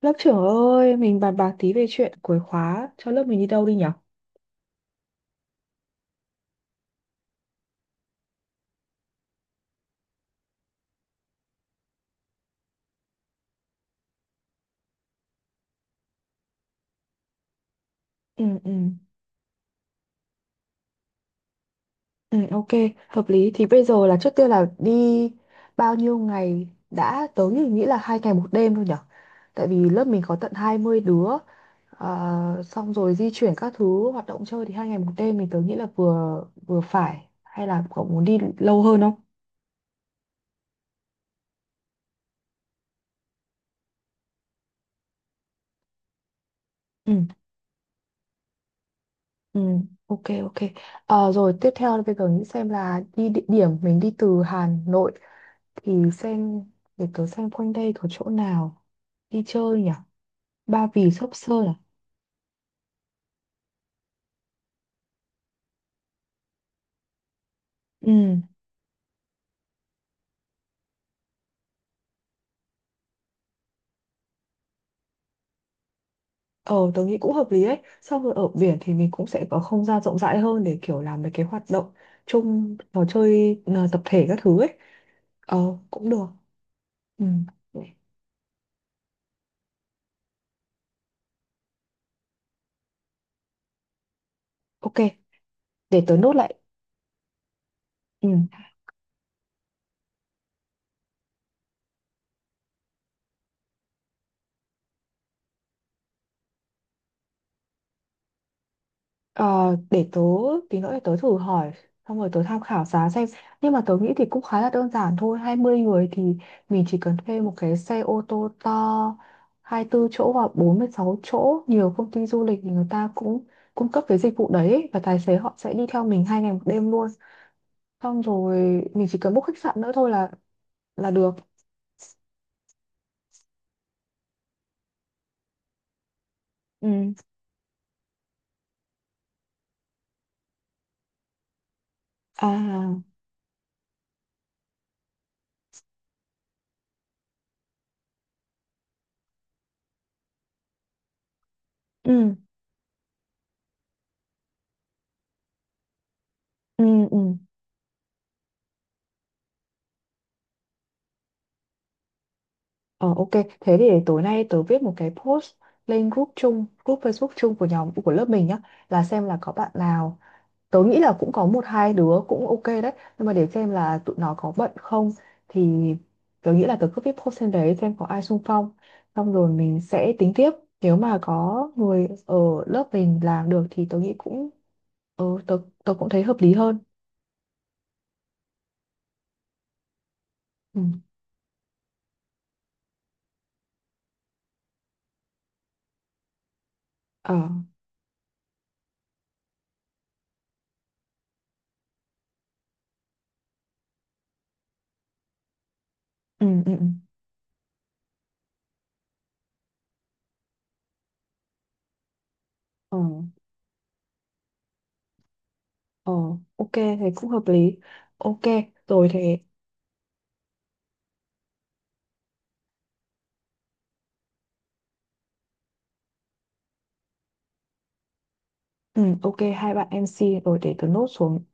Lớp trưởng ơi, mình bàn bạc tí về chuyện cuối khóa cho lớp mình đi đâu đi nhở? Ừ, ừ, ừ, ok, hợp lý. Thì bây giờ là trước tiên là đi bao nhiêu ngày đã. Tớ nghĩ nghĩ là 2 ngày 1 đêm thôi nhở? Tại vì lớp mình có tận 20 đứa. Xong rồi di chuyển các thứ hoạt động chơi thì 2 ngày 1 đêm tớ nghĩ là vừa vừa phải. Hay là cậu muốn đi lâu hơn không? Ừ. Ừ, ok ok. Rồi tiếp theo là bây giờ nghĩ xem là đi địa điểm. Mình đi từ Hà Nội thì xem, để tớ xem quanh đây có chỗ nào đi chơi nhỉ? Ba Vì, Sóc Sơn à? Ừ, ờ tớ nghĩ cũng hợp lý ấy. Xong rồi ở biển thì mình cũng sẽ có không gian rộng rãi hơn để kiểu làm mấy cái hoạt động chung, trò chơi, tập thể các thứ ấy. Ờ cũng được. Ừ. Ok, để tớ nốt lại. Ừ. Ờ, để tớ tí nữa, để tớ thử hỏi xong rồi tớ tham khảo giá xem. Nhưng mà tớ nghĩ thì cũng khá là đơn giản thôi. 20 người thì mình chỉ cần thuê một cái xe ô tô to 24 chỗ hoặc 46 chỗ. Nhiều công ty du lịch thì người ta cũng cung cấp cái dịch vụ đấy ấy, và tài xế họ sẽ đi theo mình 2 ngày 1 đêm luôn. Xong rồi mình chỉ cần book khách sạn nữa thôi là được. Ừ. À. Ừ, ừ, ừ. Ờ ok, thế thì để tối nay tớ viết một cái post lên group chung, group Facebook chung của nhóm của lớp mình nhá, là xem là có bạn nào. Tớ nghĩ là cũng có một hai đứa cũng ok đấy, nhưng mà để xem là tụi nó có bận không. Thì tớ nghĩ là tớ cứ viết post lên đấy xem có ai xung phong. Xong rồi mình sẽ tính tiếp. Nếu mà có người ở lớp mình làm được thì tớ nghĩ cũng, ờ tớ tớ cũng thấy hợp lý hơn. Ừ. Ờ. Ừ ừ ừ. Ờ. Ờ, ok, thế cũng hợp lý. Ok, rồi thế. Ừ, ok, hai bạn MC rồi để tớ nốt xuống,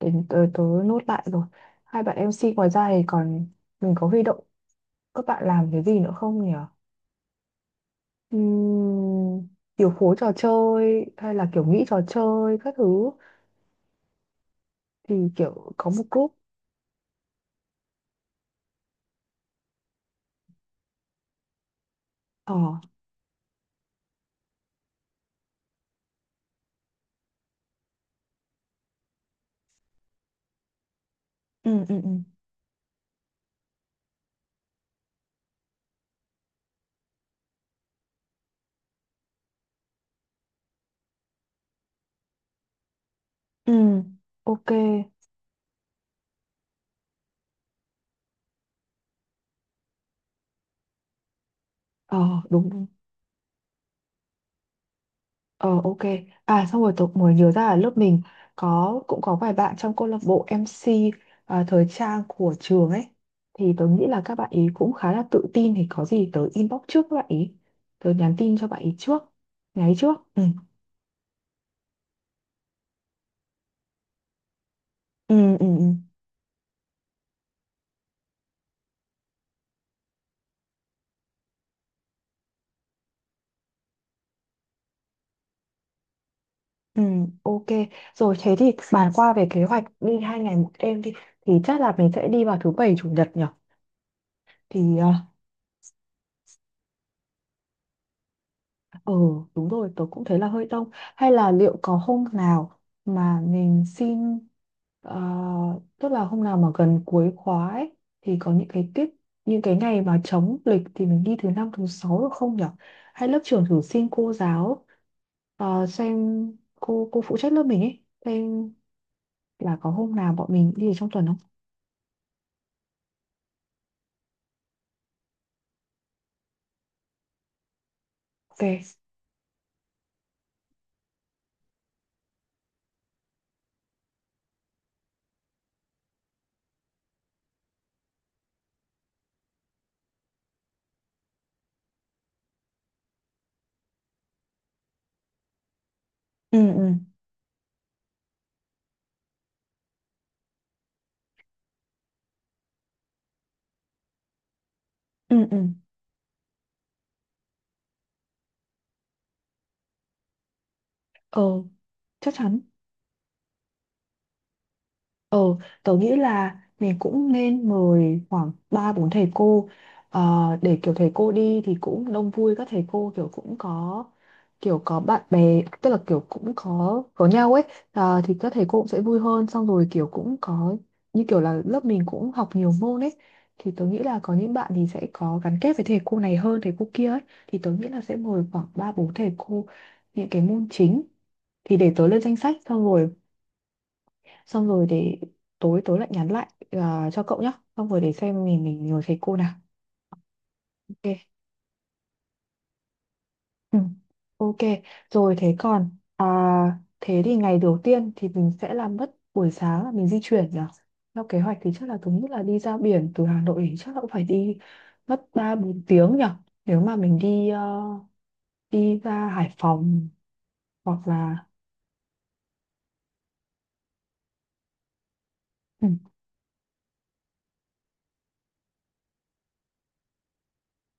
để tớ nốt lại rồi. Hai bạn MC ngoài ra thì còn mình có huy động các bạn làm cái gì nữa không nhỉ? Ừm, điều phối trò chơi hay là kiểu nghĩ trò chơi các thứ, thì kiểu có một group. Ờ. Ừ ừ ừ ừ ok. Ờ đúng. Ờ ok. À xong rồi tôi mới nhớ ra là lớp mình cũng có vài bạn trong câu lạc bộ MC thời trang của trường ấy. Thì tôi nghĩ là các bạn ý cũng khá là tự tin, thì có gì tớ inbox trước các bạn ý. Tớ nhắn tin cho bạn ý trước. Nhắn trước. Ừ. Ừ, ừ, ừ. Ừ, ok. Rồi thế thì bàn qua về kế hoạch đi 2 ngày 1 đêm đi. Thì chắc là mình sẽ đi vào thứ bảy chủ nhật nhỉ? Thì ờ, Ừ đúng rồi, tớ cũng thấy là hơi đông. Hay là liệu có hôm nào mà mình xin, ờ, tức là hôm nào mà gần cuối khóa ấy, thì có những cái tiết, những cái ngày mà trống lịch, thì mình đi thứ năm thứ sáu được không nhở? Hay lớp trưởng thử xin cô giáo, xem cô phụ trách lớp mình ấy, xem là có hôm nào bọn mình đi ở trong tuần không? Ok. Ừ ừ ừ ừ. Ờ chắc chắn. Ờ, tớ nghĩ là mình cũng nên mời khoảng 3 4 thầy cô, ờ, để kiểu thầy cô đi thì cũng đông vui, các thầy cô kiểu cũng có kiểu có bạn bè, tức là kiểu cũng có nhau ấy. Ờ, thì các thầy cô cũng sẽ vui hơn. Xong rồi kiểu cũng có, như kiểu là lớp mình cũng học nhiều môn ấy, thì tớ nghĩ là có những bạn thì sẽ có gắn kết với thầy cô này hơn thầy cô kia ấy. Thì tớ nghĩ là sẽ mời khoảng 3 4 thầy cô những cái môn chính. Thì để tớ lên danh sách, xong rồi để tối tối lại nhắn lại, cho cậu nhá, xong rồi để xem mình ngồi thầy cô nào. Ok. Ừ. Ok, rồi thế còn, à, thế thì ngày đầu tiên thì mình sẽ làm mất buổi sáng là mình di chuyển nhỉ. Theo kế hoạch thì chắc là thống nhất là đi ra biển. Từ Hà Nội thì chắc là cũng phải đi mất 3 4 tiếng nhỉ, nếu mà mình đi đi ra Hải Phòng hoặc là. Ừ,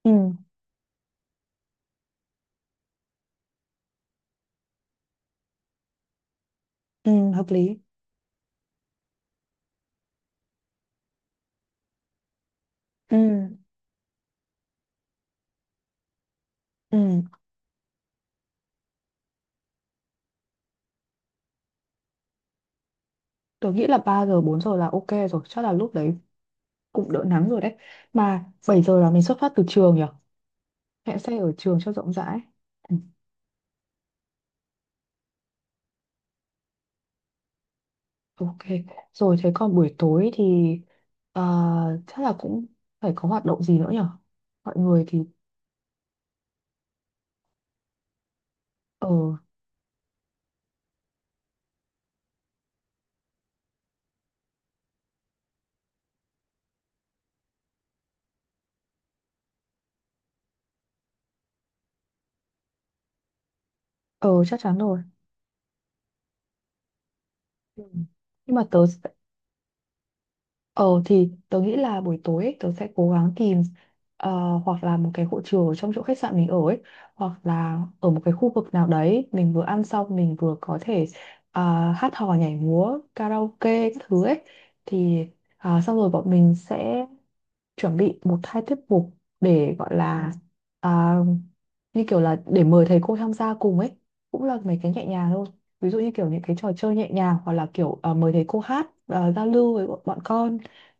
ừ, ừ, hợp lý. Ừ, ừ. Tôi nghĩ là 3 giờ 4 giờ là ok rồi. Chắc là lúc đấy cũng đỡ nắng rồi đấy. Mà 7 giờ là mình xuất phát từ trường nhỉ, hẹn xe ở trường cho rộng rãi. Ừ, ok. Rồi thế còn buổi tối thì, ờ, chắc là cũng phải có hoạt động gì nữa nhỉ? Mọi người thì. Ờ. Ờ chắc chắn rồi. Ừ. Nhưng mà tớ. Ờ thì tớ nghĩ là buổi tối ấy, tớ sẽ cố gắng tìm, ờ, hoặc là một cái hội trường ở trong chỗ khách sạn mình ở ấy, hoặc là ở một cái khu vực nào đấy mình vừa ăn xong mình vừa có thể, hát hò nhảy múa karaoke các thứ ấy. Thì, à, xong rồi bọn mình sẽ chuẩn bị một hai tiết mục để gọi là, à, như kiểu là để mời thầy cô tham gia cùng ấy, cũng là mấy cái nhẹ nhàng thôi. Ví dụ như kiểu những cái trò chơi nhẹ nhàng, hoặc là kiểu mời thầy cô hát, giao lưu với bọn bọn con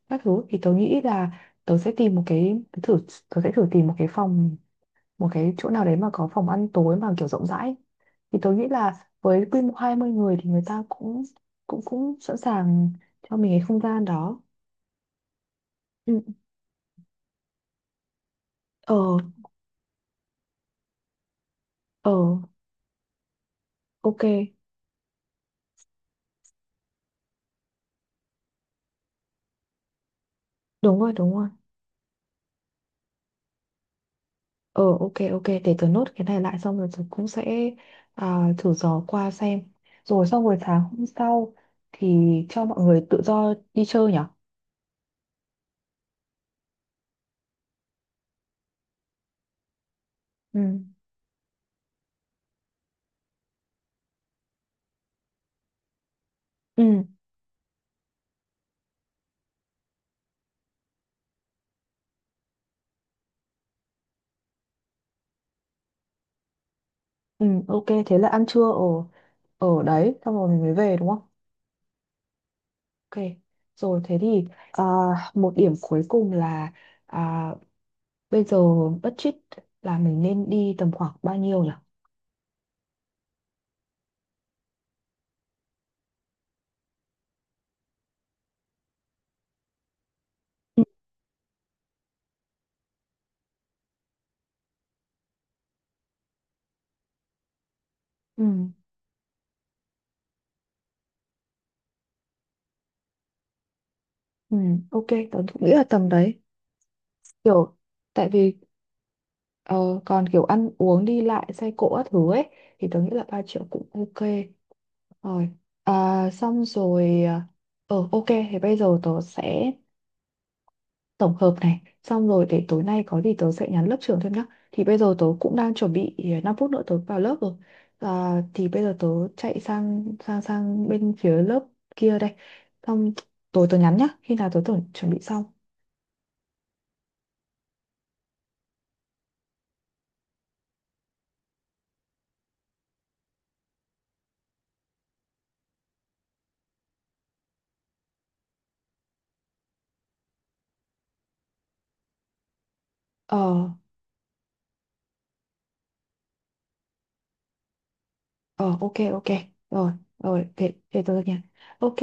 các thứ. Thì tớ nghĩ là tớ sẽ tìm một cái, tớ thử, tớ sẽ thử tìm một cái phòng, một cái chỗ nào đấy mà có phòng ăn tối mà kiểu rộng rãi. Thì tớ nghĩ là với quy mô 20 người thì người ta cũng cũng cũng sẵn sàng cho mình cái không gian đó. Ừ. Ờ ờ ok. Đúng rồi đúng rồi. Ờ ok ok, để tớ nốt cái này lại, xong rồi tớ cũng sẽ, thử dò qua xem. Rồi xong rồi sáng hôm sau thì cho mọi người tự do đi chơi nhở. Ừ. Ừ. Ừ, ok, thế là ăn trưa ở ở đấy, xong rồi mình mới về đúng không? Ok, rồi thế thì, à, một điểm cuối cùng là, à, bây giờ budget là mình nên đi tầm khoảng bao nhiêu nhỉ? Ừ. Ừ, ừ, ok, tớ cũng nghĩ là tầm đấy. Kiểu, tại vì ờ, còn kiểu ăn uống đi lại xe cộ các thứ ấy, thì tớ nghĩ là 3 triệu cũng ok. Rồi, à, xong rồi, ờ, ok, thì bây giờ tớ sẽ tổng hợp này, xong rồi để tối nay có gì tớ sẽ nhắn lớp trưởng thêm nhá. Thì bây giờ tớ cũng đang chuẩn bị, 5 phút nữa tớ vào lớp rồi. À, thì bây giờ tớ chạy sang sang sang bên phía lớp kia đây, xong tối tớ nhắn nhá khi nào tớ tưởng chuẩn bị xong. Ờ. Ờ ok ok. Rồi. Rồi thế thế tớ nhắn. Ok.